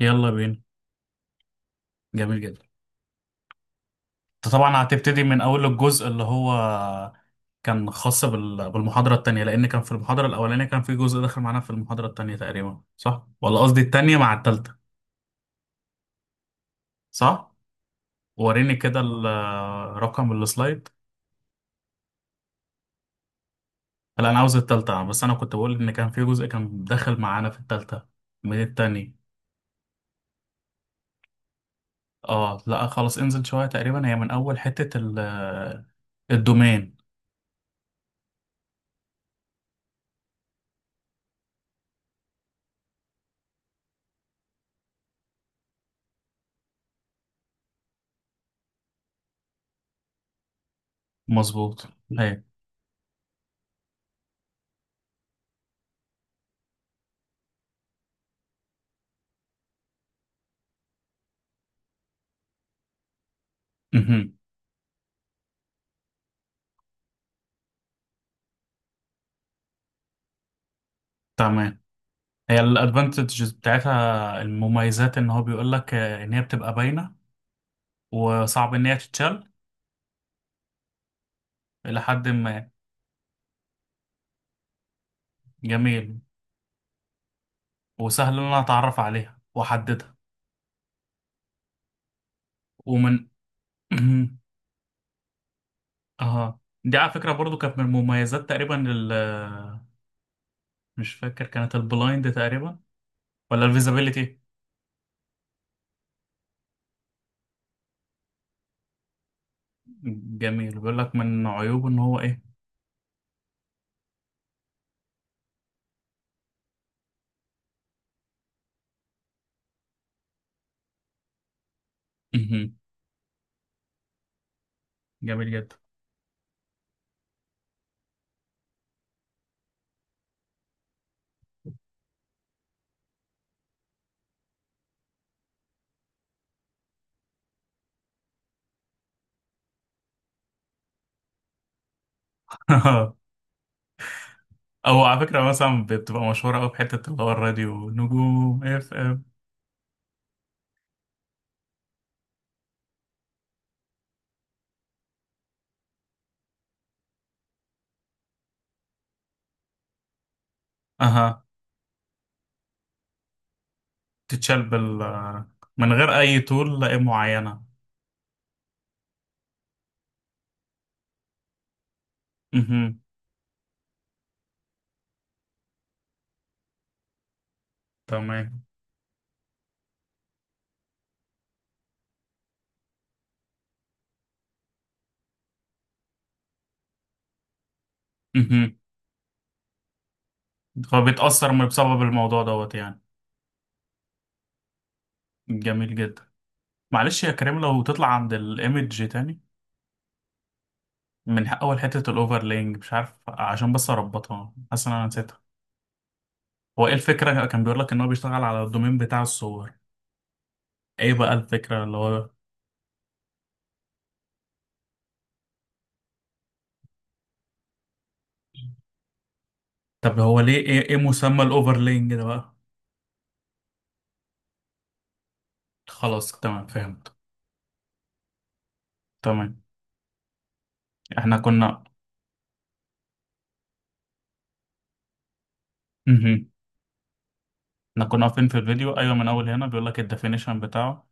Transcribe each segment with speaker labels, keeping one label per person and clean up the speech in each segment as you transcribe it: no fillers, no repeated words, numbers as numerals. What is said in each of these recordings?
Speaker 1: يلا بينا. جميل جدا. انت طبعا هتبتدي من اول الجزء اللي هو كان خاص بالمحاضرة التانية، لان كان في المحاضرة الاولانية كان في جزء داخل معانا في المحاضرة التانية تقريبا، صح؟ ولا قصدي التانية مع التالتة. صح. وريني كده رقم السلايد. لا انا عاوز التالتة، بس انا كنت بقول ان كان في جزء كان داخل معانا في التالتة من التاني. اه لا خلاص، انزل شوية، تقريبا هي من اول حتة الدومين. مظبوط. هي مهم. تمام. هي الادفانتجز بتاعتها المميزات ان هو بيقول لك ان هي بتبقى باينه وصعب ان هي تتشال الى حد ما. جميل، وسهل ان انا اتعرف عليها واحددها. ومن اه، دي على فكره برضو كانت من المميزات تقريبا ال، مش فاكر، كانت البلايند تقريبا ولا الفيزابيليتي. جميل. بيقول لك من عيوبه ان هو ايه. جميل جدا. او على فكره مثلا بتبقى مشهوره قوي في حته اللي هو الراديو نجوم اف ام. اها. تتشال بال، من غير أي طول لأ معينة. مهم. تمام. مهم. فبتأثر بسبب الموضوع دوت يعني. جميل جدا. معلش يا كريم، لو تطلع عند الإيمج تاني من أول حتة الأوفرلينج، مش عارف، عشان بس أربطها، حاسس إن أنا نسيتها. هو إيه الفكرة؟ كان بيقول لك إن هو بيشتغل على الدومين بتاع الصور. إيه بقى الفكرة اللي هو؟ طب هو ليه إيه مسمى الأوفرلينج ده بقى؟ خلاص تمام، فهمت. تمام. إحنا كنا، احنا كنا واقفين في الفيديو، ايوه، من اول هنا بيقول لك الديفينيشن بتاعه.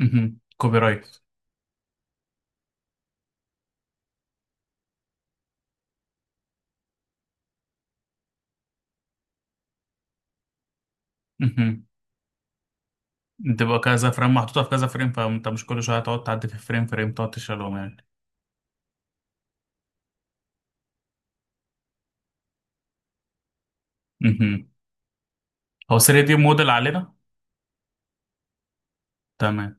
Speaker 1: مهم. كوبي رايت. مهم. بتبقى كذا فريم محطوطه في كذا فريم، فانت مش كل شويه هتقعد تعدي في فريم تقعد تشيلهم يعني. مهم. هو 3 دي موديل علينا. تمام.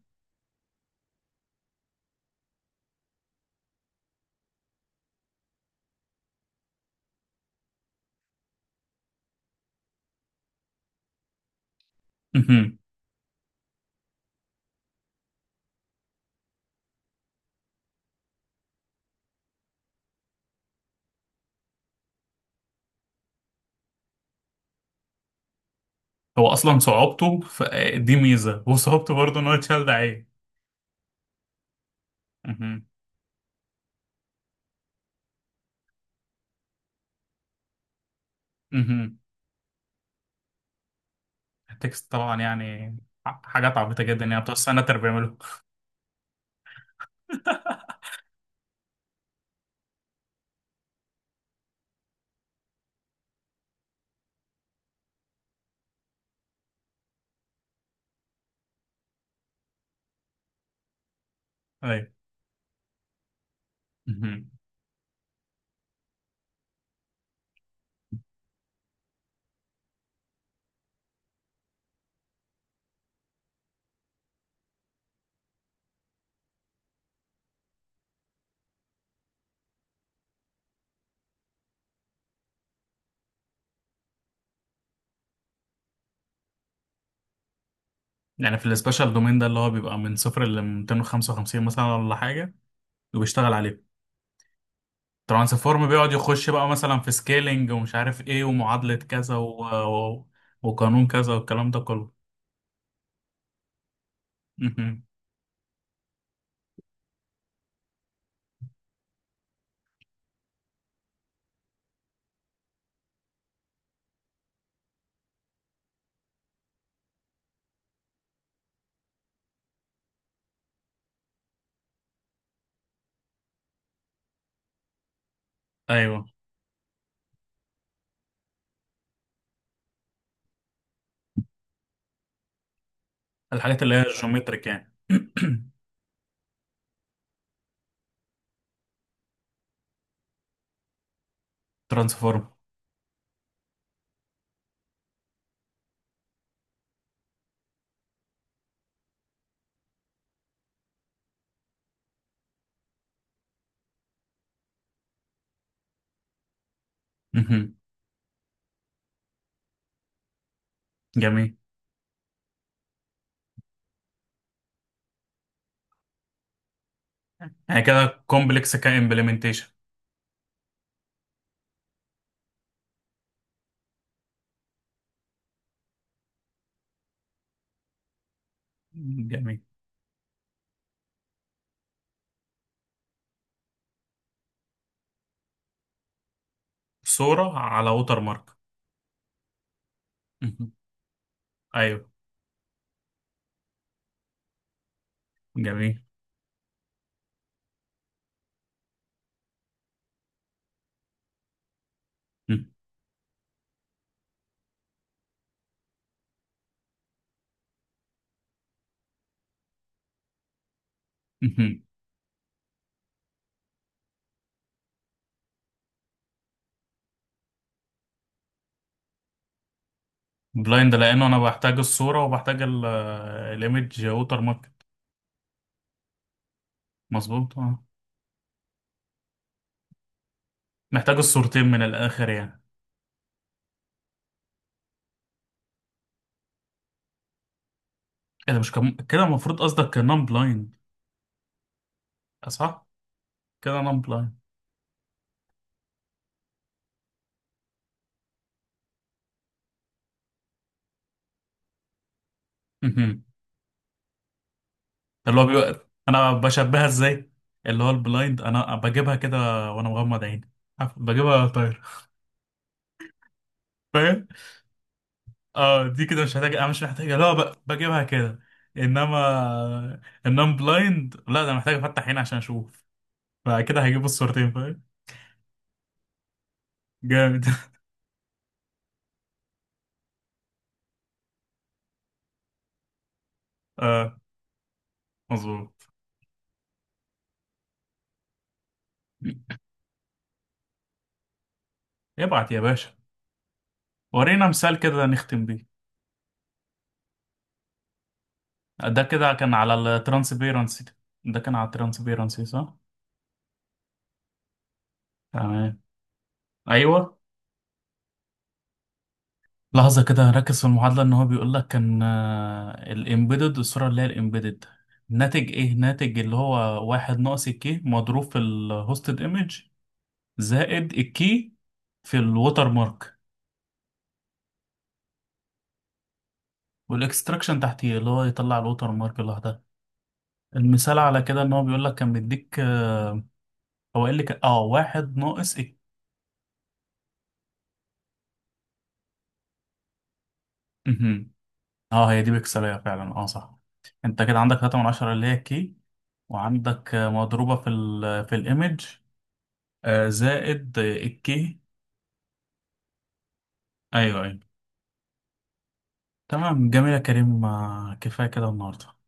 Speaker 1: مهم. هو اصلا صعوبته دي ميزه، وصعوبته برضه ان هو يتشال، ده عيب. مهم. مهم. التكست طبعا يعني، حاجات عبيطه جدا يعني، بتوع السناتر بيعملوا. ايوه. مهم. يعني في السبيشال دومين ده اللي هو بيبقى من صفر ل 255 مثلا ولا حاجه، وبيشتغل عليه. ترانسفورم بيقعد يخش بقى مثلا في سكيلينج ومش عارف ايه ومعادلة كذا و... و... وقانون كذا والكلام ده كله. مهم. ايوه. الحاجات اللي هي الجيومتريك يعني. ترانسفورم. مهم. جميل. يعني كده كومبلكس كامبلمنتيشن. جميل. صورة على ووتر مارك. مهم. ايوه. جميل. بلايند لانه انا بحتاج الصورة وبحتاج الايمج ووتر مارك. مظبوط، اه. محتاج الصورتين من الاخر يعني. ايه ده مش كده المفروض قصدك نون بلايند. صح، كده نون بلايند. اللي هو بيبقى انا بشبهها ازاي. اللي هو البلايند انا بجيبها كده وانا مغمض عيني، عارف، بجيبها طاير. فاهم. اه، دي كده مش محتاجه، انا مش محتاجه، لا بجيبها كده. انما النون بلايند لا، ده أنا محتاج افتح عيني عشان اشوف. فكده هجيب الصورتين فاهم. جامد. اه، مظبوط. ابعت يا باشا. ورينا مثال كده نختم بيه. ده كده كان على الترانسبيرنسي. ده كان على الترانسبيرنسي صح؟ تمام. ايوه. لحظة كده، ركز في المعادلة. ان هو بيقول لك كان الامبيدد، الصورة اللي هي الامبيدد، ناتج ايه؟ ناتج اللي هو واحد ناقص الكي مضروب في الهوستد ايمج، زائد الكي في الوتر مارك. والاكستراكشن تحتيه اللي هو يطلع الوتر مارك لوحدها. المثال على كده ان هو بيقول لك كان بيديك آه، هو قال لك اه واحد ناقص ايه. اه هي دي بيكسلية فعلا، اه صح. انت كده عندك 3 من 10 اللي هي الكي، وعندك آه، مضروبة في ال، في الايمج، آه، زائد آه، الكي. ايوه ايوه. تمام جميل يا كريم، آه، كفاية كده النهاردة.